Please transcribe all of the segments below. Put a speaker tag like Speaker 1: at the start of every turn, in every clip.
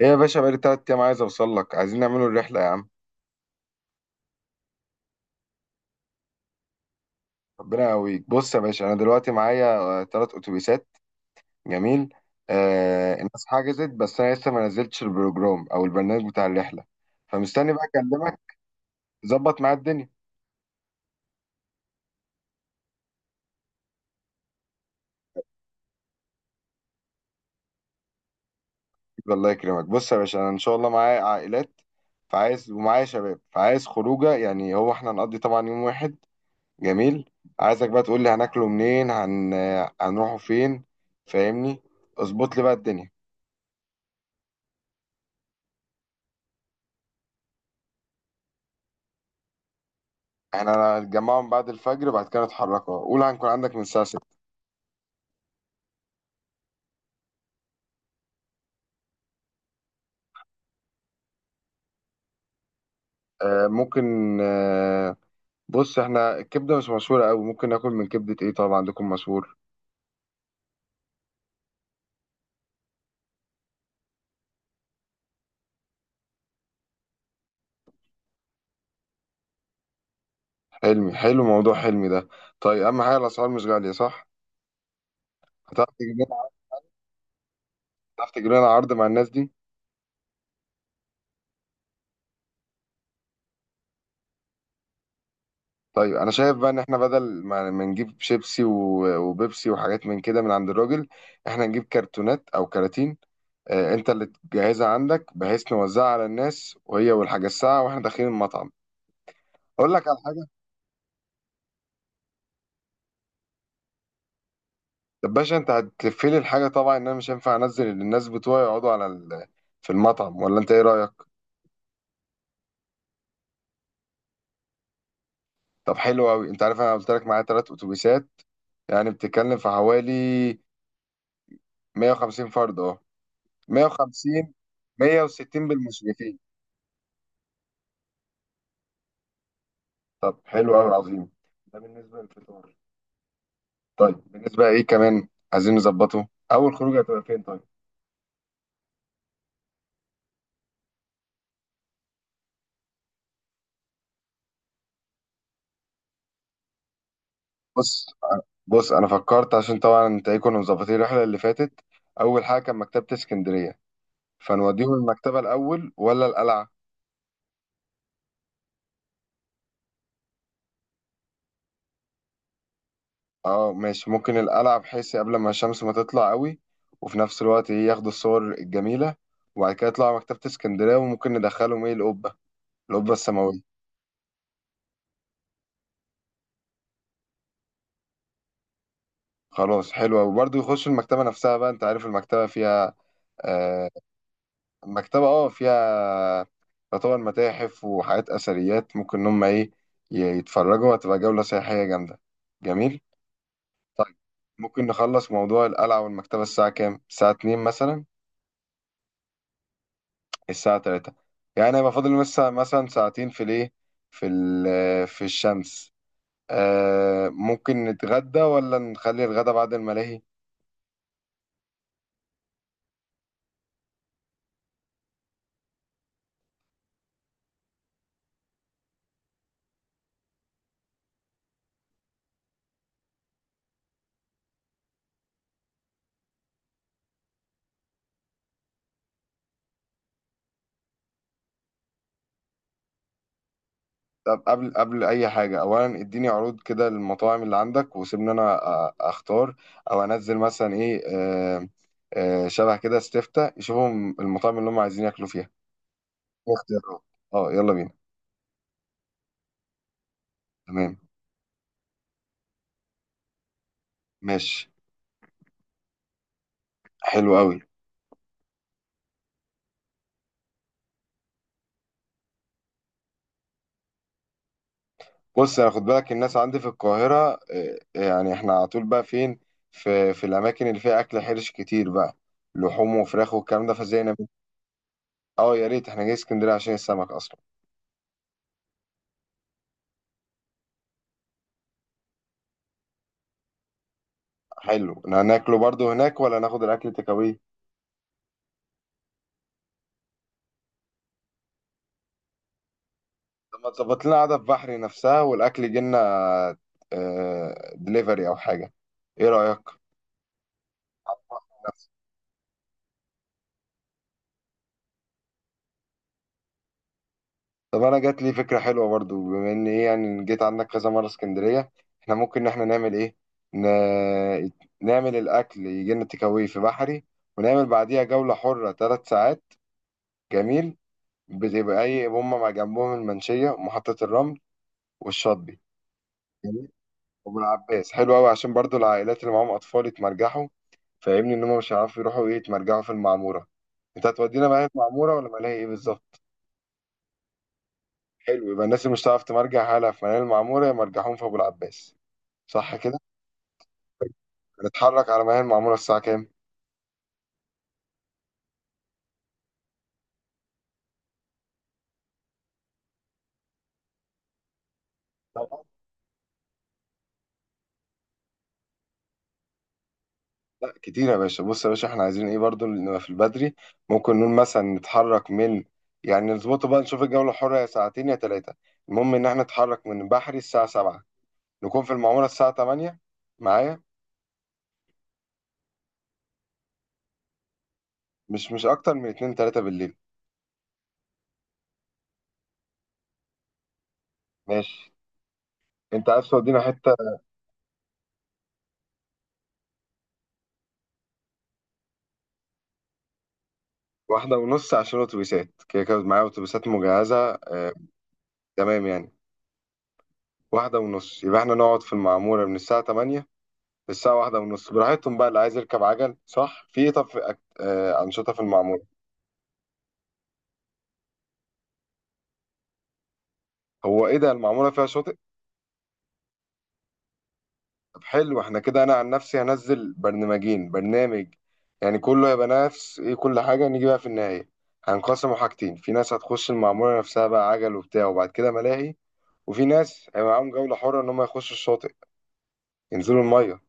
Speaker 1: ايه يا باشا، بقالي تلات أيام عايز أوصل لك، عايزين نعملوا الرحلة يا عم. ربنا يقويك. بص يا باشا، أنا دلوقتي معايا تلات أتوبيسات. جميل. آه، الناس حجزت، بس أنا لسه ما نزلتش البروجرام أو البرنامج بتاع الرحلة، فمستني بقى أكلمك. ظبط معايا الدنيا. الله يكرمك. بص يا باشا، أنا إن شاء الله معايا عائلات، فعايز، ومعايا شباب فعايز خروجة، يعني هو إحنا هنقضي طبعا يوم واحد. جميل. عايزك بقى تقول لي هناكله منين، هنروحوا فين. فاهمني. اظبط لي بقى الدنيا. احنا هنتجمعهم بعد الفجر، بعد كده نتحركوا، قول هنكون عندك من الساعة 6. آه ممكن آه. بص، احنا الكبدة مش مشهورة قوي، ممكن ناكل من كبدة ايه، طبعا عندكم مشهور حلمي. حلو موضوع حلمي ده. طيب، اهم حاجة الاسعار مش غالية صح؟ هتعرف تجيب لنا هتعرف تجيب لنا عرض مع الناس دي. طيب انا شايف بقى ان احنا بدل ما نجيب شيبسي وبيبسي وحاجات من كده من عند الراجل، احنا نجيب كرتونات او كراتين. آه، انت اللي تجهزها عندك، بحيث نوزعها على الناس وهي والحاجة الساعة واحنا داخلين المطعم. اقول لك على حاجة. طب باشا، انت هتقفلي الحاجه طبعا، ان انا مش هينفع انزل اللي الناس بتوعي يقعدوا على في المطعم، ولا انت ايه رايك؟ طب حلو قوي. انت عارف انا قلت لك معايا ثلاث اتوبيسات، يعني بتتكلم في حوالي 150 فرد، اه، 150، 160 بالمشرفين. طب حلو قوي عظيم. ده بالنسبه للفطار. طيب بالنسبه ايه كمان، عايزين نظبطه، اول خروجه هتبقى فين طيب؟ بص بص انا فكرت عشان طبعا انت ايه، كنا مظبطين الرحله اللي فاتت، اول حاجه كان مكتبه اسكندريه، فنوديهم المكتبة الأول ولا القلعة؟ اه ماشي، ممكن القلعة بحيث قبل ما الشمس ما تطلع قوي، وفي نفس الوقت ايه ياخدوا الصور الجميلة، وبعد كده يطلعوا مكتبة اسكندرية، وممكن ندخلهم ايه القبة، القبة السماوية. خلاص حلوة، وبرضه يخشوا المكتبة نفسها بقى. انت عارف المكتبة فيها آه، المكتبة اه فيها، يعتبر متاحف وحاجات أثريات، ممكن إن هم ايه يتفرجوا، هتبقى جولة سياحية جامدة. جميل؟ طيب، ممكن نخلص موضوع القلعة والمكتبة الساعة كام؟ الساعة 2 مثلا، الساعة 3، يعني هيبقى فاضل لسه مثلا ساعتين في الايه، في في الشمس. آه، ممكن نتغدى ولا نخلي الغدا بعد الملاهي؟ طب قبل اي حاجة، اولا اديني عروض كده للمطاعم اللي عندك، وسيبني انا اختار، او انزل مثلا ايه آه، آه، شبه كده استفتاء يشوفهم المطاعم اللي هم عايزين ياكلوا فيها، اختيارات. اه يلا بينا. تمام. ماشي. حلو قوي. بص، انا خد بالك الناس عندي في القاهرة، آه، آه، يعني احنا على طول بقى فين؟ في الاماكن اللي فيها اكل حرش كتير بقى، لحوم وفراخ والكلام ده، فزينا بيه. اه يا ريت، احنا جاي اسكندرية عشان السمك اصلا. حلو، إن هناكله برضو هناك ولا ناخد الاكل تكاوي؟ طب ما تظبط لنا قعدة في بحري نفسها والاكل يجي لنا دليفري او حاجة، ايه رأيك؟ طب انا جات لي فكره حلوه برضو، بما ان ايه، يعني جيت عندك كذا مره اسكندريه، احنا ممكن ان احنا نعمل ايه، ن... نعمل الاكل يجي لنا تيك أواي في بحري، ونعمل بعديها جوله حره ثلاث ساعات. جميل. بتبقى ايه هم مع جنبهم المنشيه ومحطه الرمل والشاطبي. جميل. وابو العباس حلو قوي عشان برضو العائلات اللي معاهم اطفال يتمرجحوا. فاهمني، ان هم مش هيعرفوا يروحوا ايه يتمرجحوا في المعموره. انت هتودينا بقى في المعموره ولا ملاهي ايه بالظبط؟ حلو، يبقى الناس اللي مش هتعرف تمرجح حالها في ملاهي المعموره يمرجحون في ابو العباس، صح كده؟ هنتحرك على ما هي المعموره الساعه كام؟ لا كتير يا باشا. بص يا باشا، احنا عايزين ايه برضو نبقى في البدري. ممكن نقول مثلا نتحرك من، يعني نظبطه بقى، نشوف الجولة الحرة يا ساعتين يا ثلاثة، المهم ان احنا نتحرك من بحري الساعة 7، نكون في المعمورة الساعة 8. معايا؟ مش اكتر من 2، 3 بالليل. ماشي. انت عايز تودينا حتة. واحدة ونص عشان الاتوبيسات كده كده معايا اتوبيسات مجهزة، اه. تمام يعني، واحدة ونص يبقى احنا نقعد في المعمورة من الساعة 8 الساعة واحدة ونص براحتهم بقى، اللي عايز يركب عجل صح في ايه. طب في أك... آه أنشطة في المعمورة. هو ايه ده، المعمورة فيها شاطئ؟ طب حلو، احنا كده انا عن نفسي هنزل برنامجين، برنامج يعني كله هيبقى نفس ايه كل حاجة، نيجي بقى في النهاية هنقسموا حاجتين، في ناس هتخش المعمورة نفسها بقى عجل وبتاع وبعد كده ملاهي، وفي ناس هيبقى معاهم جولة حرة ان هم يخشوا الشاطئ، ينزلوا المية.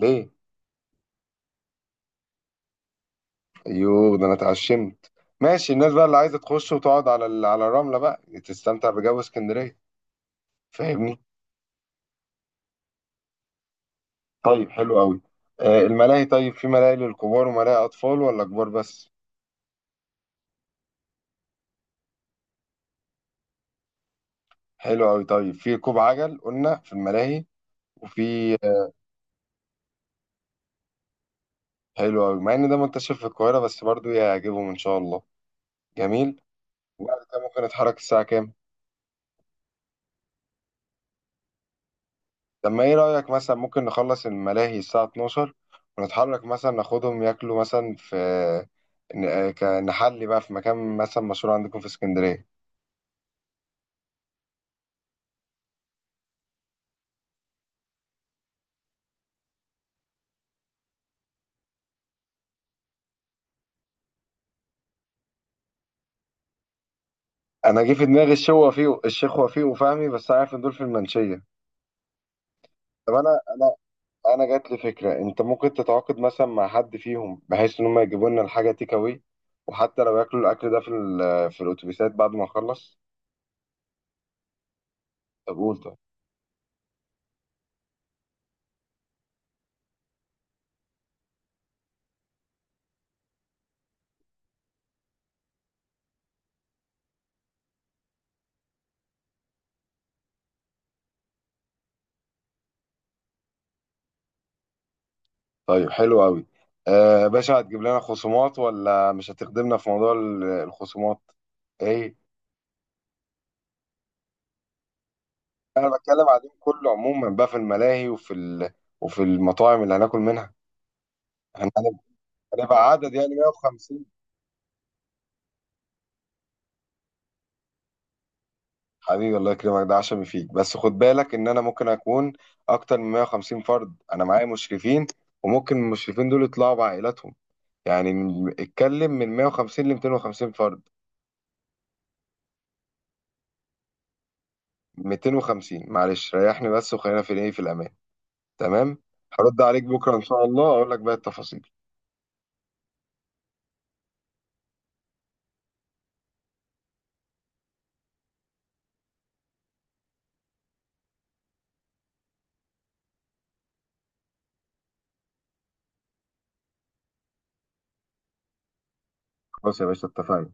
Speaker 1: ليه؟ ايوه، ده انا اتعشمت. ماشي، الناس بقى اللي عايزة تخش وتقعد على على الرملة بقى تستمتع بجو اسكندرية. فاهمني. طيب حلو قوي. آه، الملاهي، طيب في ملاهي للكبار وملاهي أطفال ولا كبار بس؟ حلو قوي. طيب في ركوب عجل قلنا في الملاهي، وفي آه، حلو قوي. مع ان ده منتشر في القاهرة بس برضو يعجبهم ان شاء الله. جميل. وبعد كده ممكن نتحرك الساعة كام؟ طب ما ايه رأيك، مثلا ممكن نخلص الملاهي الساعة 12، ونتحرك مثلا ناخدهم ياكلوا مثلا في نحلي بقى في مكان مثلا مشهور عندكم في اسكندرية. انا جه في دماغي الشيخ وفيق. وفهمي، بس عارف ان دول في المنشية. طب انا، انا جات لي فكره، انت ممكن تتعاقد مثلا مع حد فيهم بحيث ان هم يجيبوا لنا الحاجه تيك اواي، وحتى لو ياكلوا الاكل ده في في الاتوبيسات بعد ما اخلص. طب قول طب. طيب حلو قوي. آه باشا، هتجيب لنا خصومات ولا مش هتخدمنا في موضوع الخصومات ايه؟ انا بتكلم على اليوم كله عموما بقى، في الملاهي وفي وفي المطاعم اللي هناكل منها. هن- هنبقى عدد يعني 150. حبيبي الله يكرمك، ده عشمي فيك. بس خد بالك ان انا ممكن اكون اكتر من 150 فرد، انا معايا مشرفين، وممكن المشرفين دول يطلعوا بعائلاتهم، يعني اتكلم من 150 ل 250 فرد. 250 معلش، ريحني بس، وخلينا في الايه، في الامان. تمام. هرد عليك بكره ان شاء الله، اقول لك بقى التفاصيل. خلاص يا باشا اتفقنا.